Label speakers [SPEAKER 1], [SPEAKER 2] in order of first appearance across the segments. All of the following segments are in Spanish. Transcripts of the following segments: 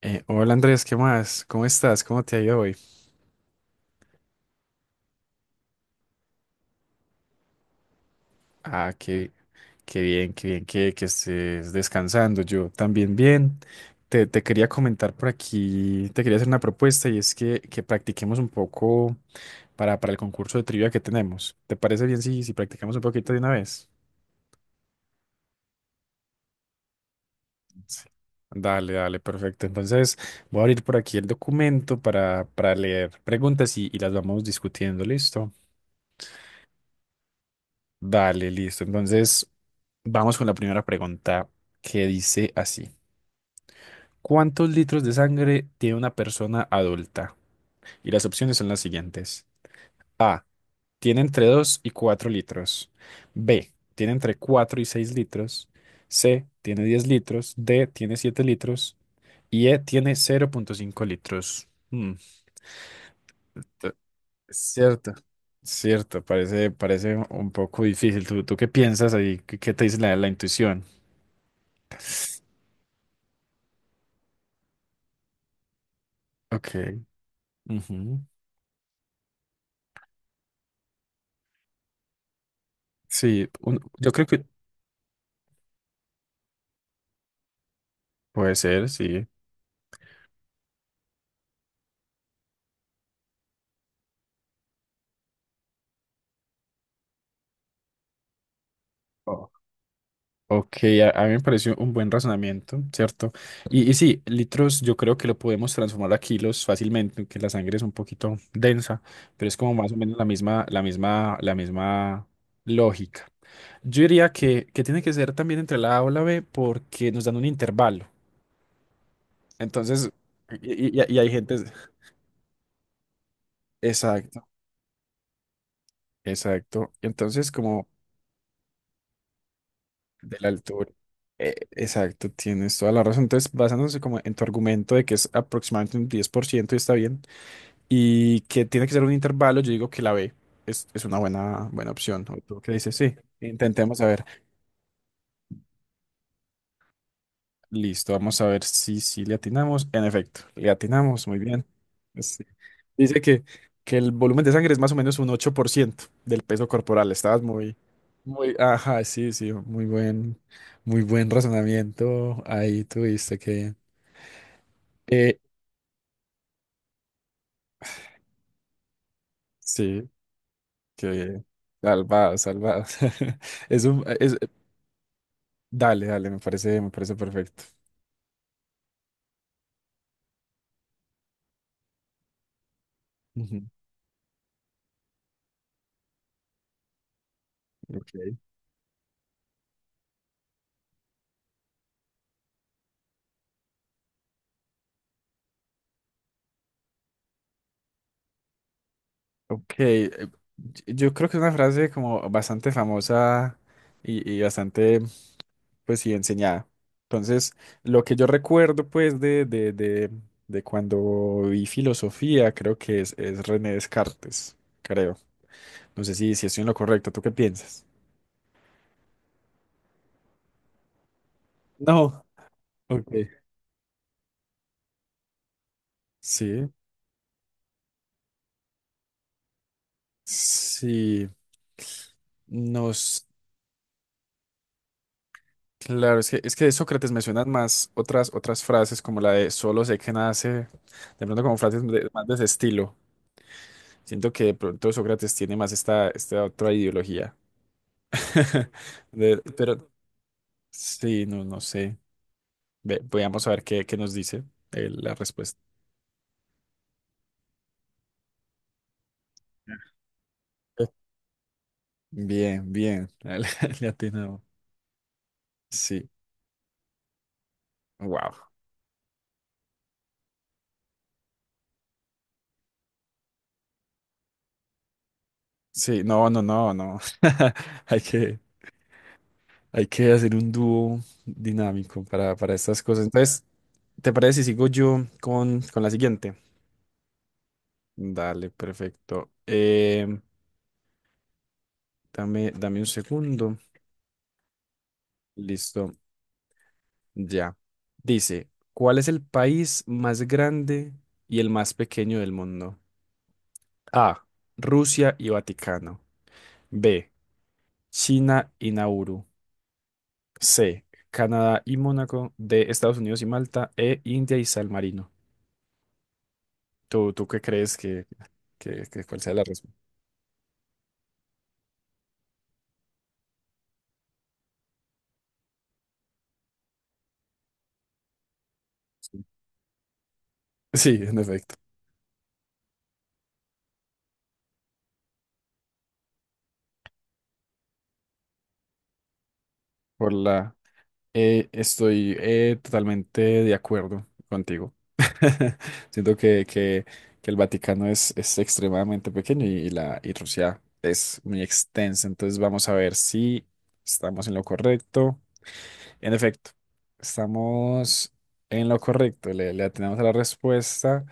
[SPEAKER 1] Hola Andrés, ¿qué más? ¿Cómo estás? ¿Cómo te ha ido hoy? Ah, qué, ¡Qué bien, qué bien que estés descansando! Yo también bien. Te quería comentar por aquí, te quería hacer una propuesta y es que, practiquemos un poco para el concurso de trivia que tenemos. ¿Te parece bien si practicamos un poquito de una vez? Sí. Dale, dale, perfecto. Entonces voy a abrir por aquí el documento para leer preguntas y las vamos discutiendo, ¿listo? Dale, listo. Entonces, vamos con la primera pregunta que dice así. ¿Cuántos litros de sangre tiene una persona adulta? Y las opciones son las siguientes. A. Tiene entre 2 y 4 litros. B. Tiene entre 4 y 6 litros. C. Tiene 10 litros. D. Tiene 7 litros. Y E. Tiene 0,5 litros. Mm. t- Cierto. Cierto, parece, parece un poco difícil. Tú qué piensas ahí? Qué te dice la la intuición? Ok. Ujú. Sí, yo creo que puede ser, sí. O- Ok, a mí me pareció un buen razonamiento, ¿cierto? Y sí, litros yo creo que lo podemos transformar a kilos fácilmente, aunque la sangre es un poquito densa, pero es como más o menos la misma, la misma, la misma lógica. Yo diría que tiene que ser también entre la A o la B porque nos dan un intervalo. Entonces, y hay gente... Exacto, exacto. Entonces, como... De la altura. Exacto, tienes toda la razón. Entonces, basándose como en tu argumento de que es aproximadamente un 10% y está bien, y que tiene que ser un intervalo, yo digo que la B es una buena, buena opción. ¿O tú qué dices? Sí, intentemos a ver. Listo, vamos a ver si le atinamos. En efecto, le atinamos, muy bien. Sí. Dice que el volumen de sangre es más o menos un 8% del peso corporal. Estabas muy, muy, ajá, sí, sí, muy buen razonamiento. Ahí tuviste que... Eh, sí, que salvado, salvado. Es un, es, dale, dale, me parece perfecto. Ujú. Ok, ok. Yo creo que es una frase como bastante famosa y bastante, pues sí, enseñada. Entonces, lo que yo recuerdo, pues, de cuando vi filosofía, creo que es René Descartes, creo. No sé si estoy en lo correcto, ¿tú qué piensas? No. Ok. Sí, sí. Nos claro, es que de Sócrates me suenan más otras, otras frases como la de solo sé que nada sé, de pronto como frases más de ese estilo. Siento que de pronto Sócrates tiene más esta, esta otra ideología. Pero sí, no, no sé. Veamos a ver qué, qué nos dice la respuesta. Eh, Bien, bien, le atinamos. Sí, wow. Sí, no, no, no, no. Hay que, hay que hacer un dúo dinámico para estas cosas. Entonces, ¿te parece si sigo yo con la siguiente? Dale, perfecto. Dame, dame un segundo. Listo, ya. Dice, ¿cuál es el país más grande y el más pequeño del mundo? A, Rusia y Vaticano. B, China y Nauru. C, Canadá y Mónaco. D, Estados Unidos y Malta. E, India y San Marino. Tú qué crees que cuál sea la respuesta? Sí, sí, en efecto. Por la estoy totalmente de acuerdo contigo. Siento que el Vaticano es extremadamente pequeño y Rusia es muy extensa. Entonces vamos a ver si estamos en lo correcto. En efecto, estamos en lo correcto, le atinamos a la respuesta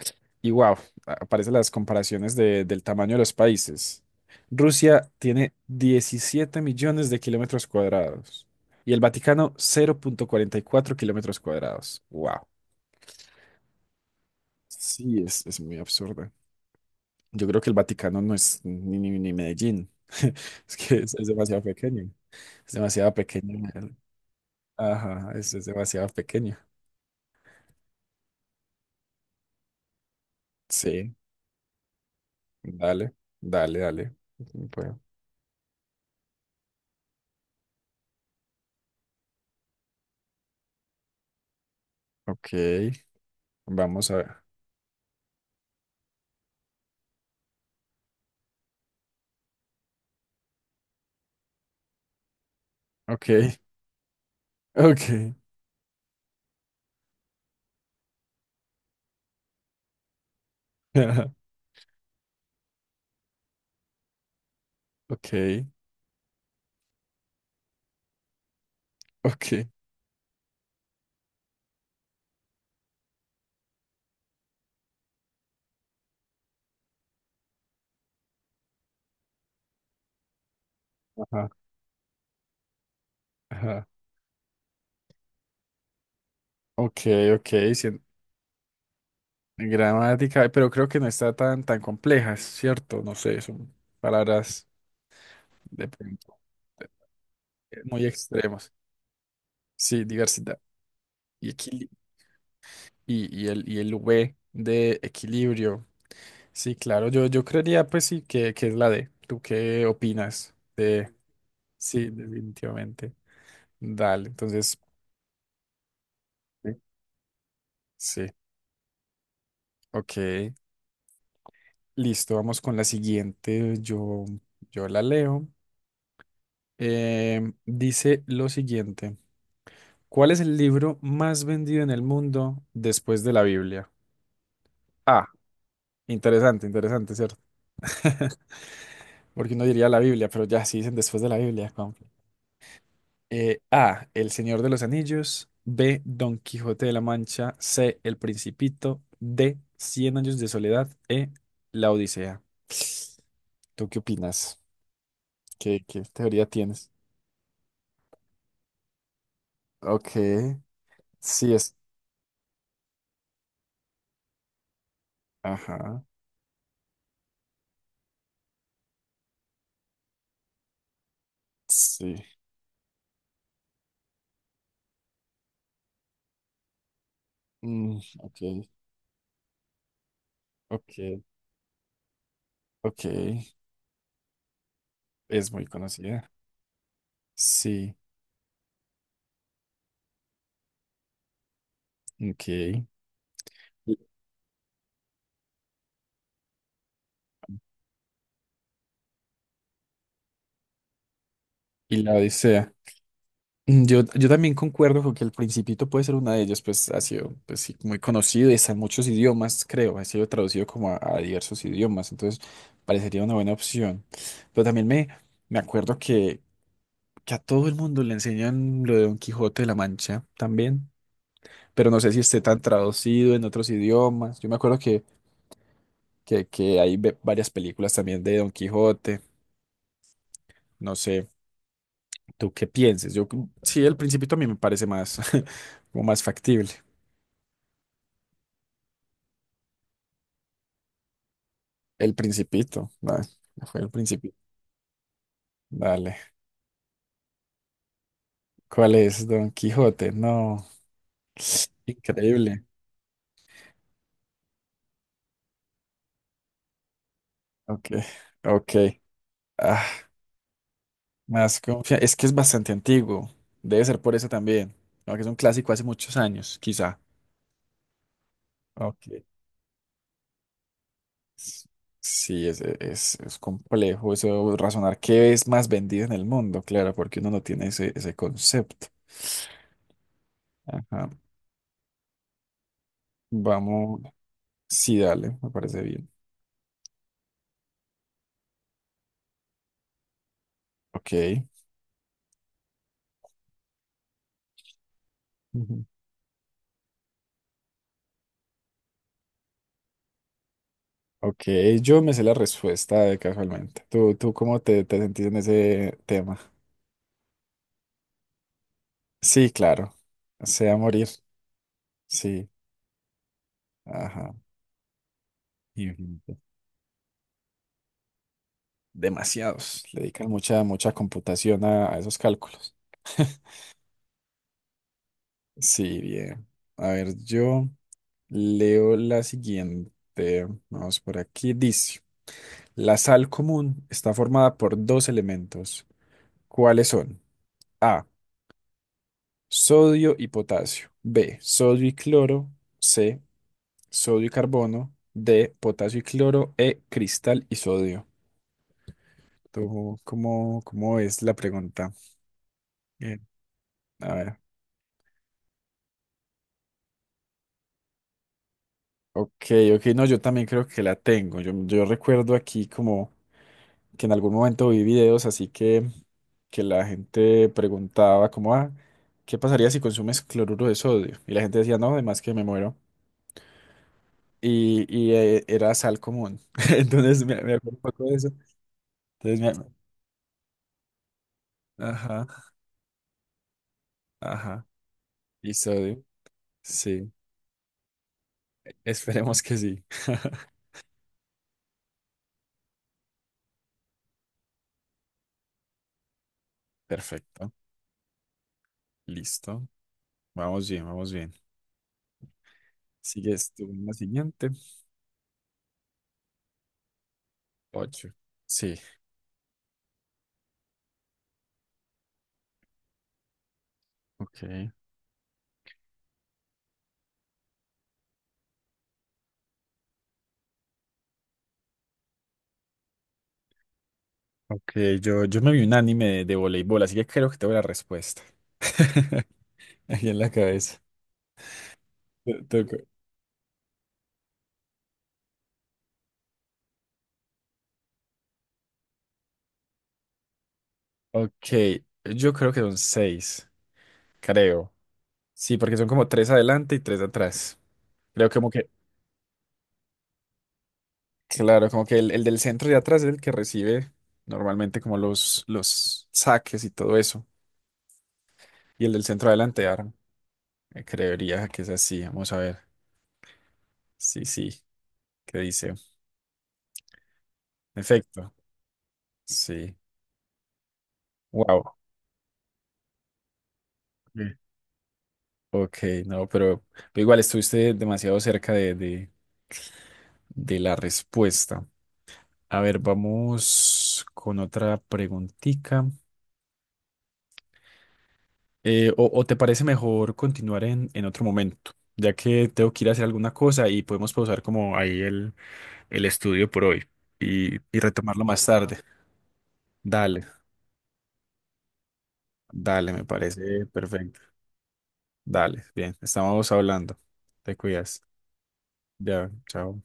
[SPEAKER 1] y wow, aparecen las comparaciones del tamaño de los países. Rusia tiene 17 millones de kilómetros cuadrados y el Vaticano 0,44 kilómetros cuadrados. Wow. Sí, es muy absurdo. Yo creo que el Vaticano no es ni Medellín. Es que es demasiado pequeño. Es demasiado pequeño. Ajá, es demasiado pequeño. Sí. Dale, dale, dale. Bueno, ok, vamos a ver. Ok, ok, ok, ok. Ajá, ajá. Ok, ok, sí, gramática, pero creo que no está tan, tan compleja, es ¿cierto? No sé, son palabras de pronto muy extremos. Sí, diversidad y, y el V de equilibrio. Sí, claro, yo creería pues sí que es la D. ¿Tú qué opinas? Sí, definitivamente. Dale, entonces, sí. Sí, ok. Listo, vamos con la siguiente. Yo la leo. Dice lo siguiente. ¿Cuál es el libro más vendido en el mundo después de la Biblia? Ah, interesante, interesante, ¿cierto? Porque uno diría la Biblia, pero ya sí dicen después de la Biblia. ¿Cómo? A, El Señor de los Anillos. B, Don Quijote de la Mancha. C, El Principito. D, Cien Años de Soledad. E, La Odisea. ¿Tú qué opinas? Qué teoría tienes? Ok, sí es. Ajá, sí. Mm, ok, ok, ok. Es muy conocida. Sí, ok. Y, y la Odisea. Mm, yo también concuerdo con que El Principito puede ser una de ellas, pues ha sido pues, sí, muy conocido y está en muchos idiomas, creo. Ha sido traducido como a diversos idiomas, entonces parecería una buena opción. Pero también me acuerdo que a todo el mundo le enseñan lo de Don Quijote de la Mancha también, pero no sé si esté tan traducido en otros idiomas. Yo me acuerdo que hay varias películas también de Don Quijote. No sé, ¿tú qué pienses? Yo, sí, El Principito a mí me parece más, como más factible. El Principito, ah, fue El Principito. Dale. ¿Cuál es Don Quijote? No, increíble. Ok, ok. Ah, más es que es bastante antiguo. Debe ser por eso también. ¿No? Que es un clásico hace muchos años, quizá. Ok. S- Sí, es complejo eso, razonar qué es más vendido en el mundo, claro, porque uno no tiene ese, ese concepto. Ajá. Vamos. Sí, dale, me parece bien. Ok. Ujú. Ok, yo me sé la respuesta de casualmente. Tú cómo te, te sentís en ese tema? Sí, claro. Sea morir. Sí. Ajá. Demasiados. Le dedican mucha, mucha computación a esos cálculos. Sí, bien. A ver, yo leo la siguiente. Vamos por aquí. Dice, la sal común está formada por dos elementos. ¿Cuáles son? A, sodio y potasio. B, sodio y cloro. C, sodio y carbono. D, potasio y cloro. E, cristal y sodio. ¿Tú cómo, cómo es la pregunta? Bien. A ver. Ok, ok, no, yo también creo que la tengo. Yo recuerdo aquí como que en algún momento vi videos así que la gente preguntaba como, ah, ¿qué pasaría si consumes cloruro de sodio? Y la gente decía, no, además que me muero. Y era sal común. Entonces me acuerdo un poco de eso. Entonces me... Ajá, ajá. Y sodio. Sí, esperemos que sí. Perfecto, listo. Vamos bien, vamos bien. Sigues tú en la siguiente. Ocho. Sí, ok. Ok, yo me vi un anime de voleibol, así que creo que tengo la respuesta. Aquí en la cabeza. Te- te- Ok, yo creo que son seis, creo. Sí, porque son como tres adelante y tres atrás. Creo como que, claro, como que el del centro de atrás es el que recibe normalmente como los saques y todo eso. Y el del centro adelante arma. Creería que es así. Vamos a ver. Sí, sí, ¿qué dice? Efecto. Sí. Wow. Ok, no, pero igual estuviste demasiado cerca de la respuesta. A ver, vamos con otra preguntita. O, ¿o te parece mejor continuar en otro momento? Ya que tengo que ir a hacer alguna cosa y podemos pausar como ahí el estudio por hoy y retomarlo más tarde. Dale, dale, me parece perfecto. Dale, bien, estamos hablando. Te cuidas. Ya, chao.